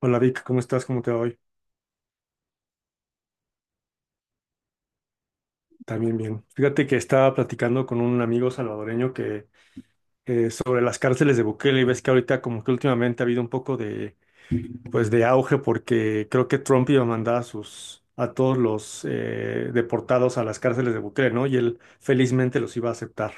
Hola Vic, ¿cómo estás? ¿Cómo te va hoy? También bien. Fíjate que estaba platicando con un amigo salvadoreño que sobre las cárceles de Bukele, y ves que ahorita como que últimamente ha habido un poco de pues de auge, porque creo que Trump iba a mandar a sus a todos los deportados a las cárceles de Bukele, ¿no? Y él felizmente los iba a aceptar.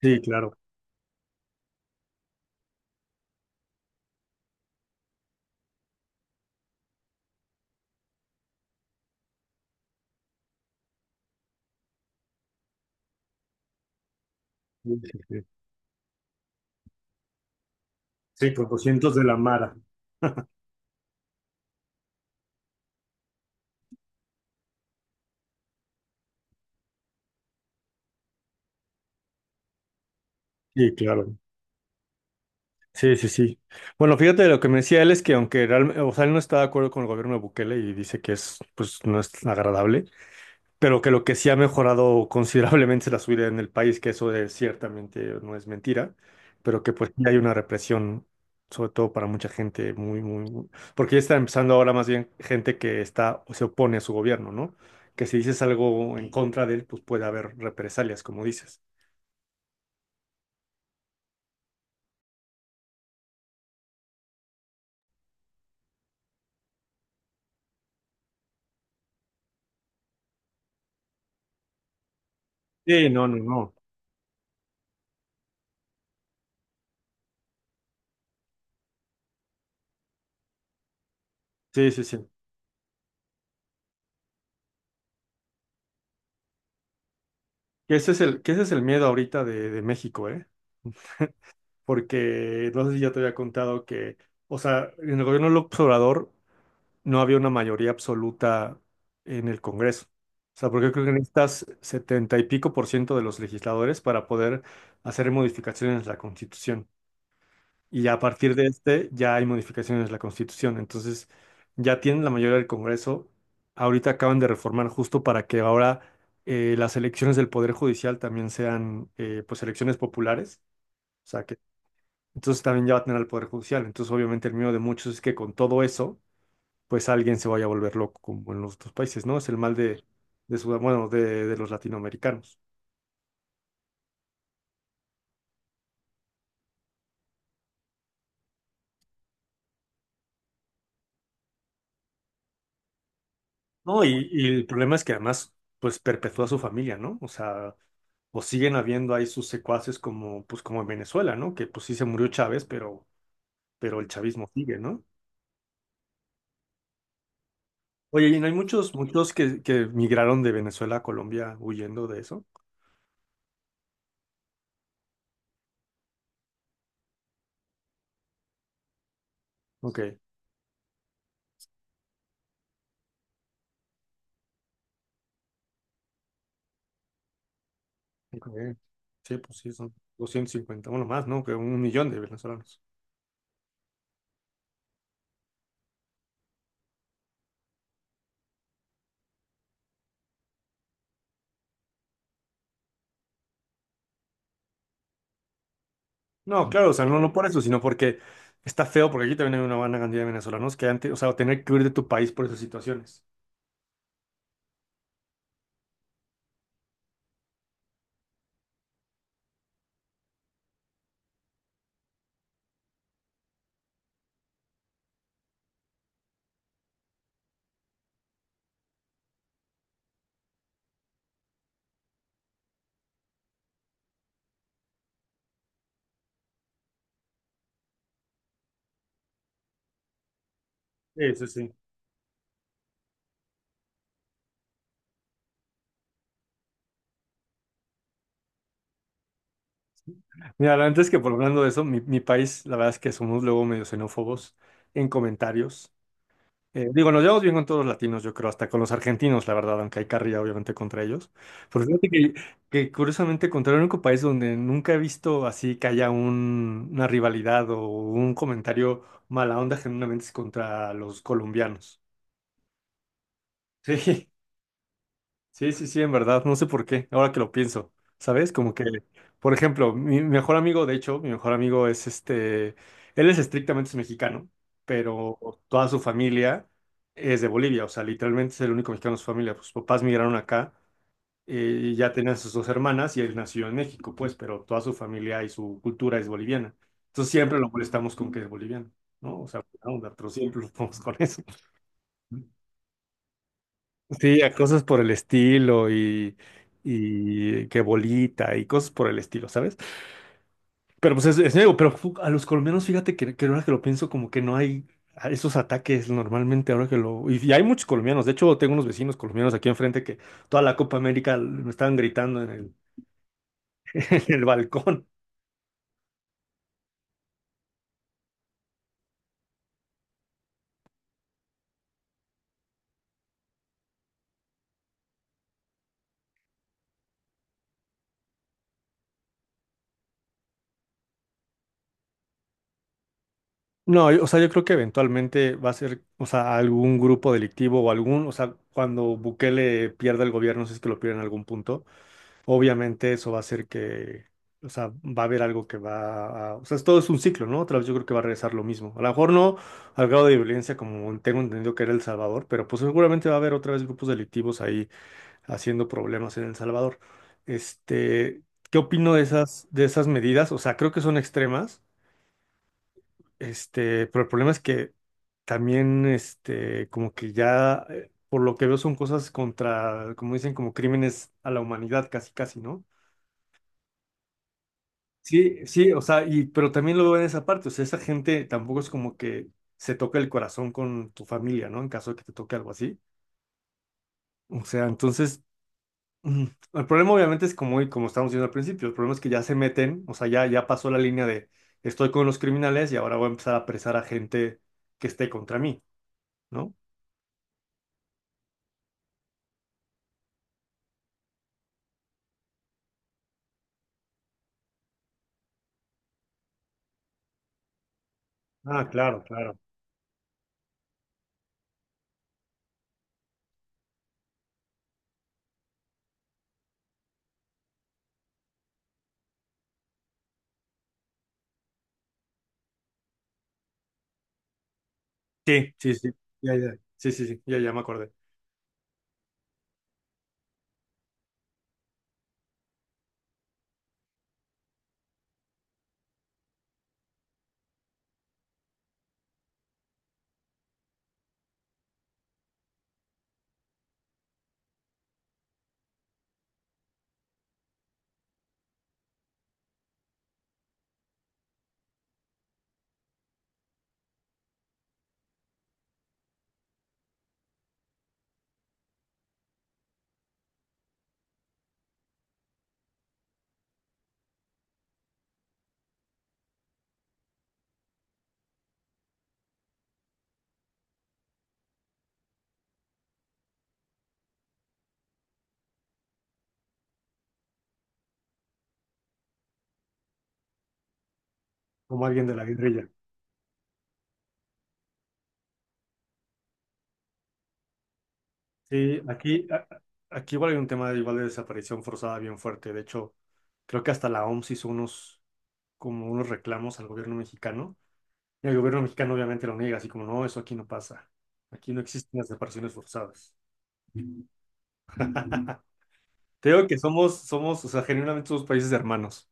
Sí, claro. Sí, sí, sí. Sí, con 200 de la Mara. Sí, claro. Sí, sí, sí. Bueno, fíjate, lo que me decía él es que aunque realmente, o sea, él no está de acuerdo con el gobierno de Bukele y dice que es, pues, no es agradable, pero que lo que sí ha mejorado considerablemente es la subida en el país, que eso es, ciertamente no es mentira, pero que pues sí hay una represión, sobre todo para mucha gente, muy, muy, muy- porque ya está empezando ahora más bien gente que está o se opone a su gobierno, ¿no? Que si dices algo en contra de él, pues puede haber represalias, como dices. Sí, no, no, no. Sí, sí, sí. Que ese es el miedo ahorita de México, ¿eh? Porque no sé si ya te había contado que, o sea, en el gobierno del Obrador no había una mayoría absoluta en el Congreso. O sea, porque creo que necesitas 70 y pico por ciento de los legisladores para poder hacer modificaciones a la Constitución. Y ya a partir de este ya hay modificaciones a la Constitución. Entonces, ya tienen la mayoría del Congreso. Ahorita acaban de reformar justo para que ahora las elecciones del Poder Judicial también sean pues elecciones populares. O sea que entonces también ya va a tener al Poder Judicial. Entonces, obviamente, el miedo de muchos es que con todo eso pues alguien se vaya a volver loco como en los otros países, ¿no? Es el mal de, bueno, de los latinoamericanos. No, y el problema es que además, pues perpetúa su familia, ¿no? O sea, o siguen habiendo ahí sus secuaces como, pues como en Venezuela, ¿no? Que pues sí se murió Chávez, pero el chavismo sigue, ¿no? Oye, y no hay muchos, muchos que migraron de Venezuela a Colombia huyendo de eso. Ok. Ok. Sí, pues sí, son 250 bueno, más, ¿no? Que 1 millón de venezolanos. No, claro, o sea, no, no por eso, sino porque está feo, porque aquí también hay una buena cantidad de venezolanos que antes, o sea, tener que huir de tu país por esas situaciones. Sí, sí, sí. Mira, antes que por hablando de eso, mi país, la verdad es que somos luego medio xenófobos en comentarios. Digo, nos llevamos bien con todos los latinos, yo creo, hasta con los argentinos, la verdad, aunque hay carrilla obviamente contra ellos. Pero fíjate que curiosamente, contra el único país donde nunca he visto así que haya una rivalidad o un comentario mala onda genuinamente es contra los colombianos. Sí. Sí, sí, sí, en verdad, no sé por qué, ahora que lo pienso, ¿sabes? Como que, por ejemplo, mi mejor amigo, de hecho, mi mejor amigo es este, él es estrictamente mexicano, pero toda su familia es de Bolivia, o sea, literalmente es el único mexicano de su familia, sus papás migraron acá eh, y ya tenían sus dos hermanas y él nació en México, pues, pero toda su familia y su cultura es boliviana. Entonces siempre lo molestamos con que es boliviano, ¿no? O sea, buena onda, pero siempre lo ponemos con eso. Sí, a cosas por el estilo y que bolita y cosas por el estilo, ¿sabes? Pero pues es nuevo, pero a los colombianos, fíjate que ahora que lo pienso, como que no hay esos ataques normalmente ahora que lo... Y, y hay muchos colombianos, de hecho tengo unos vecinos colombianos aquí enfrente que toda la Copa América me estaban gritando en el, en el balcón. No, o sea, yo creo que eventualmente va a ser, o sea, algún grupo delictivo o algún, o sea, cuando Bukele pierda el gobierno, si es que lo pierde en algún punto obviamente eso va a hacer que, o sea, va a haber algo que va a, o sea, todo es un ciclo, ¿no? Otra vez yo creo que va a regresar lo mismo. A lo mejor no al grado de violencia como tengo entendido que era El Salvador, pero pues seguramente va a haber otra vez grupos delictivos ahí haciendo problemas en El Salvador. Este, ¿qué opino de esas medidas? O sea, creo que son extremas, este, pero el problema es que también, este, como que ya... Por lo que veo son cosas contra, como dicen, como crímenes a la humanidad, casi, casi, ¿no? Sí, sí, o sea, y, pero también lo veo en esa parte, o sea, esa gente tampoco es como que se toca el corazón con tu familia, ¿no? En caso de que te toque algo así. O sea, entonces, mm, el problema obviamente es como, como estábamos diciendo al principio, el problema es que ya se meten, o sea, ya, ya pasó la línea de estoy con los criminales y ahora voy a empezar a apresar a gente que esté contra mí, ¿no? Ah, claro, claro. Sí, sí, sí, ya, ya, sí, sí, sí, ya, ya me acordé, como alguien de la guerrilla. Sí, aquí, aquí igual hay un tema de igual de desaparición forzada bien fuerte. De hecho, creo que hasta la OMS hizo unos, como unos reclamos al gobierno mexicano. Y el gobierno mexicano obviamente lo niega, así como, no, eso aquí no pasa. Aquí no existen las desapariciones forzadas. Te digo que somos, somos, o sea, genuinamente somos países de hermanos.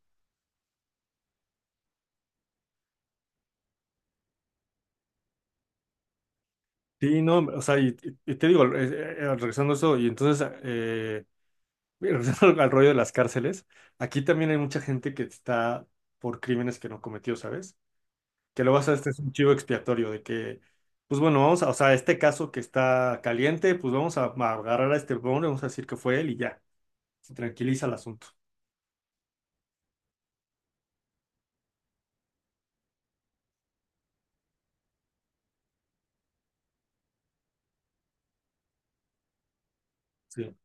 Sí, no, o sea, y, y te digo, regresando a eso, y entonces, mira, regresando al rollo de las cárceles, aquí también hay mucha gente que está por crímenes que no cometió, ¿sabes? Que lo vas a, este es un chivo expiatorio de que, pues bueno, vamos a, o sea, este caso que está caliente, pues vamos a agarrar a este hombre, vamos a decir que fue él y ya, se tranquiliza el asunto. Sí,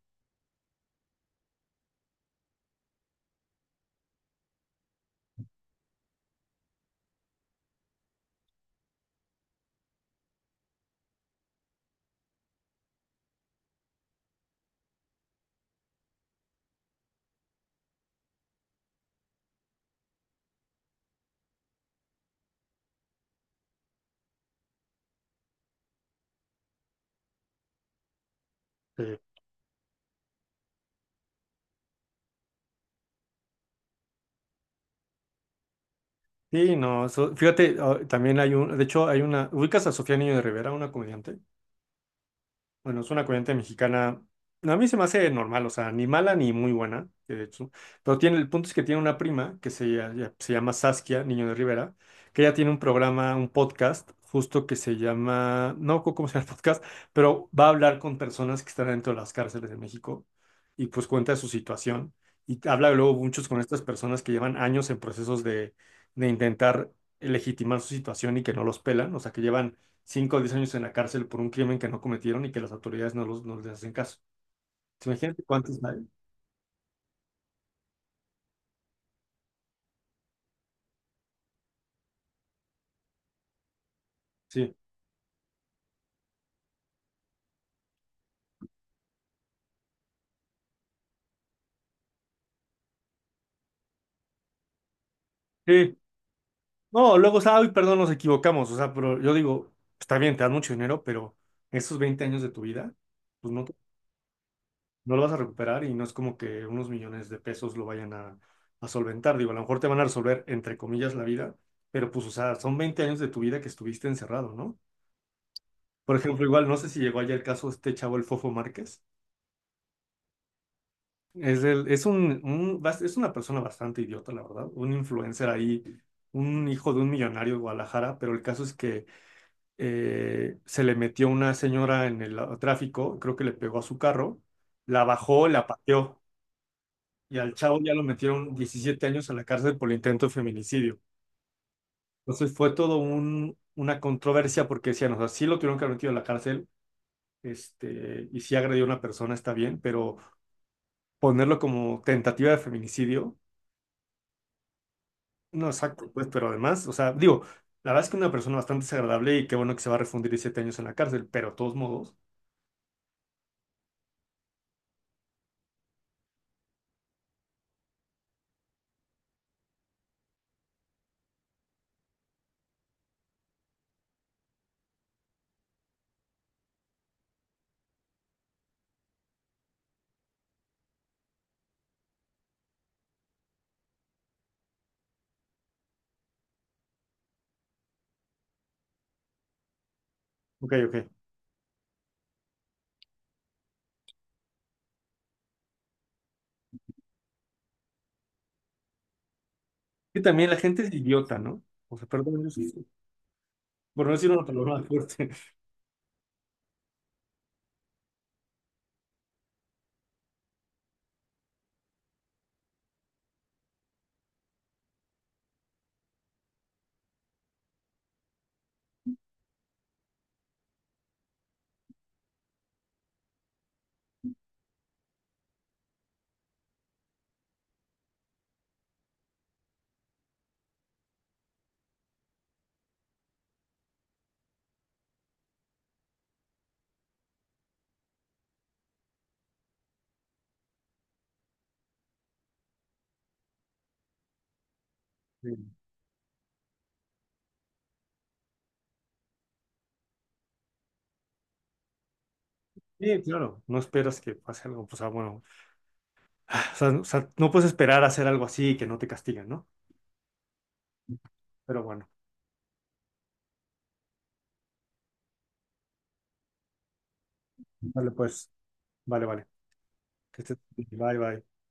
sí. Sí, no, eso- fíjate, ah, también hay un, de hecho hay una, ¿ubicas a Sofía Niño de Rivera, una comediante? Bueno, es una corriente mexicana. A mí se me hace normal, o sea, ni mala ni muy buena, que de hecho. Pero tiene, el punto es que tiene una prima que se, se llama Saskia, Niño de Rivera, que ella tiene un programa, un podcast, justo que se llama, no me acuerdo cómo se llama el podcast, pero va a hablar con personas que están dentro de las cárceles de México y pues cuenta de su situación. Y habla luego muchos con estas personas que llevan años en procesos de intentar legitimar su situación y que no los pelan, o sea, que llevan 5 o 10 años en la cárcel por un crimen que no cometieron y que las autoridades no, los, no les hacen caso. ¿Se imagínate cuántos hay? Sí. Sí. No, luego, o sea, ay, perdón, nos equivocamos. O sea, pero yo digo, está bien, te dan mucho dinero, pero esos 20 años de tu vida, pues no, no lo vas a recuperar, y no es como que unos millones de pesos lo vayan a solventar. Digo, a lo mejor te van a resolver, entre comillas, la vida, pero pues, o sea, son 20 años de tu vida que estuviste encerrado, ¿no? Por ejemplo, igual, no sé si llegó allá el caso de este chavo, el Fofo Márquez. Es, el, es, un- bas- es una persona bastante idiota, la verdad. Un influencer ahí, un hijo de un millonario de Guadalajara, pero el caso es que se le metió una señora en el tráfico, creo que le pegó a su carro, la bajó, la pateó y al chavo ya lo metieron 17 años a la cárcel por el intento de feminicidio. Entonces fue todo un, una controversia porque decían, o sea, sí lo tuvieron que haber metido a la cárcel. Este, y sí agredió a una persona está bien, pero ponerlo como tentativa de feminicidio. No, exacto, pues, pero además, o sea, digo, la verdad es que una persona bastante desagradable y qué bueno que se va a refundir 7 años en la cárcel, pero de todos modos, ok, ok. Y también la gente es idiota, ¿no? O sea, perdón, yo sí, por no decir una palabra fuerte. Sí, sí, claro, no esperas que pase algo, o sea, bueno, o sea, o sea, no puedes esperar a hacer algo así y que no te castigan, ¿no? Pero bueno, vale, pues, vale, vale. Que estés- Bye, bye.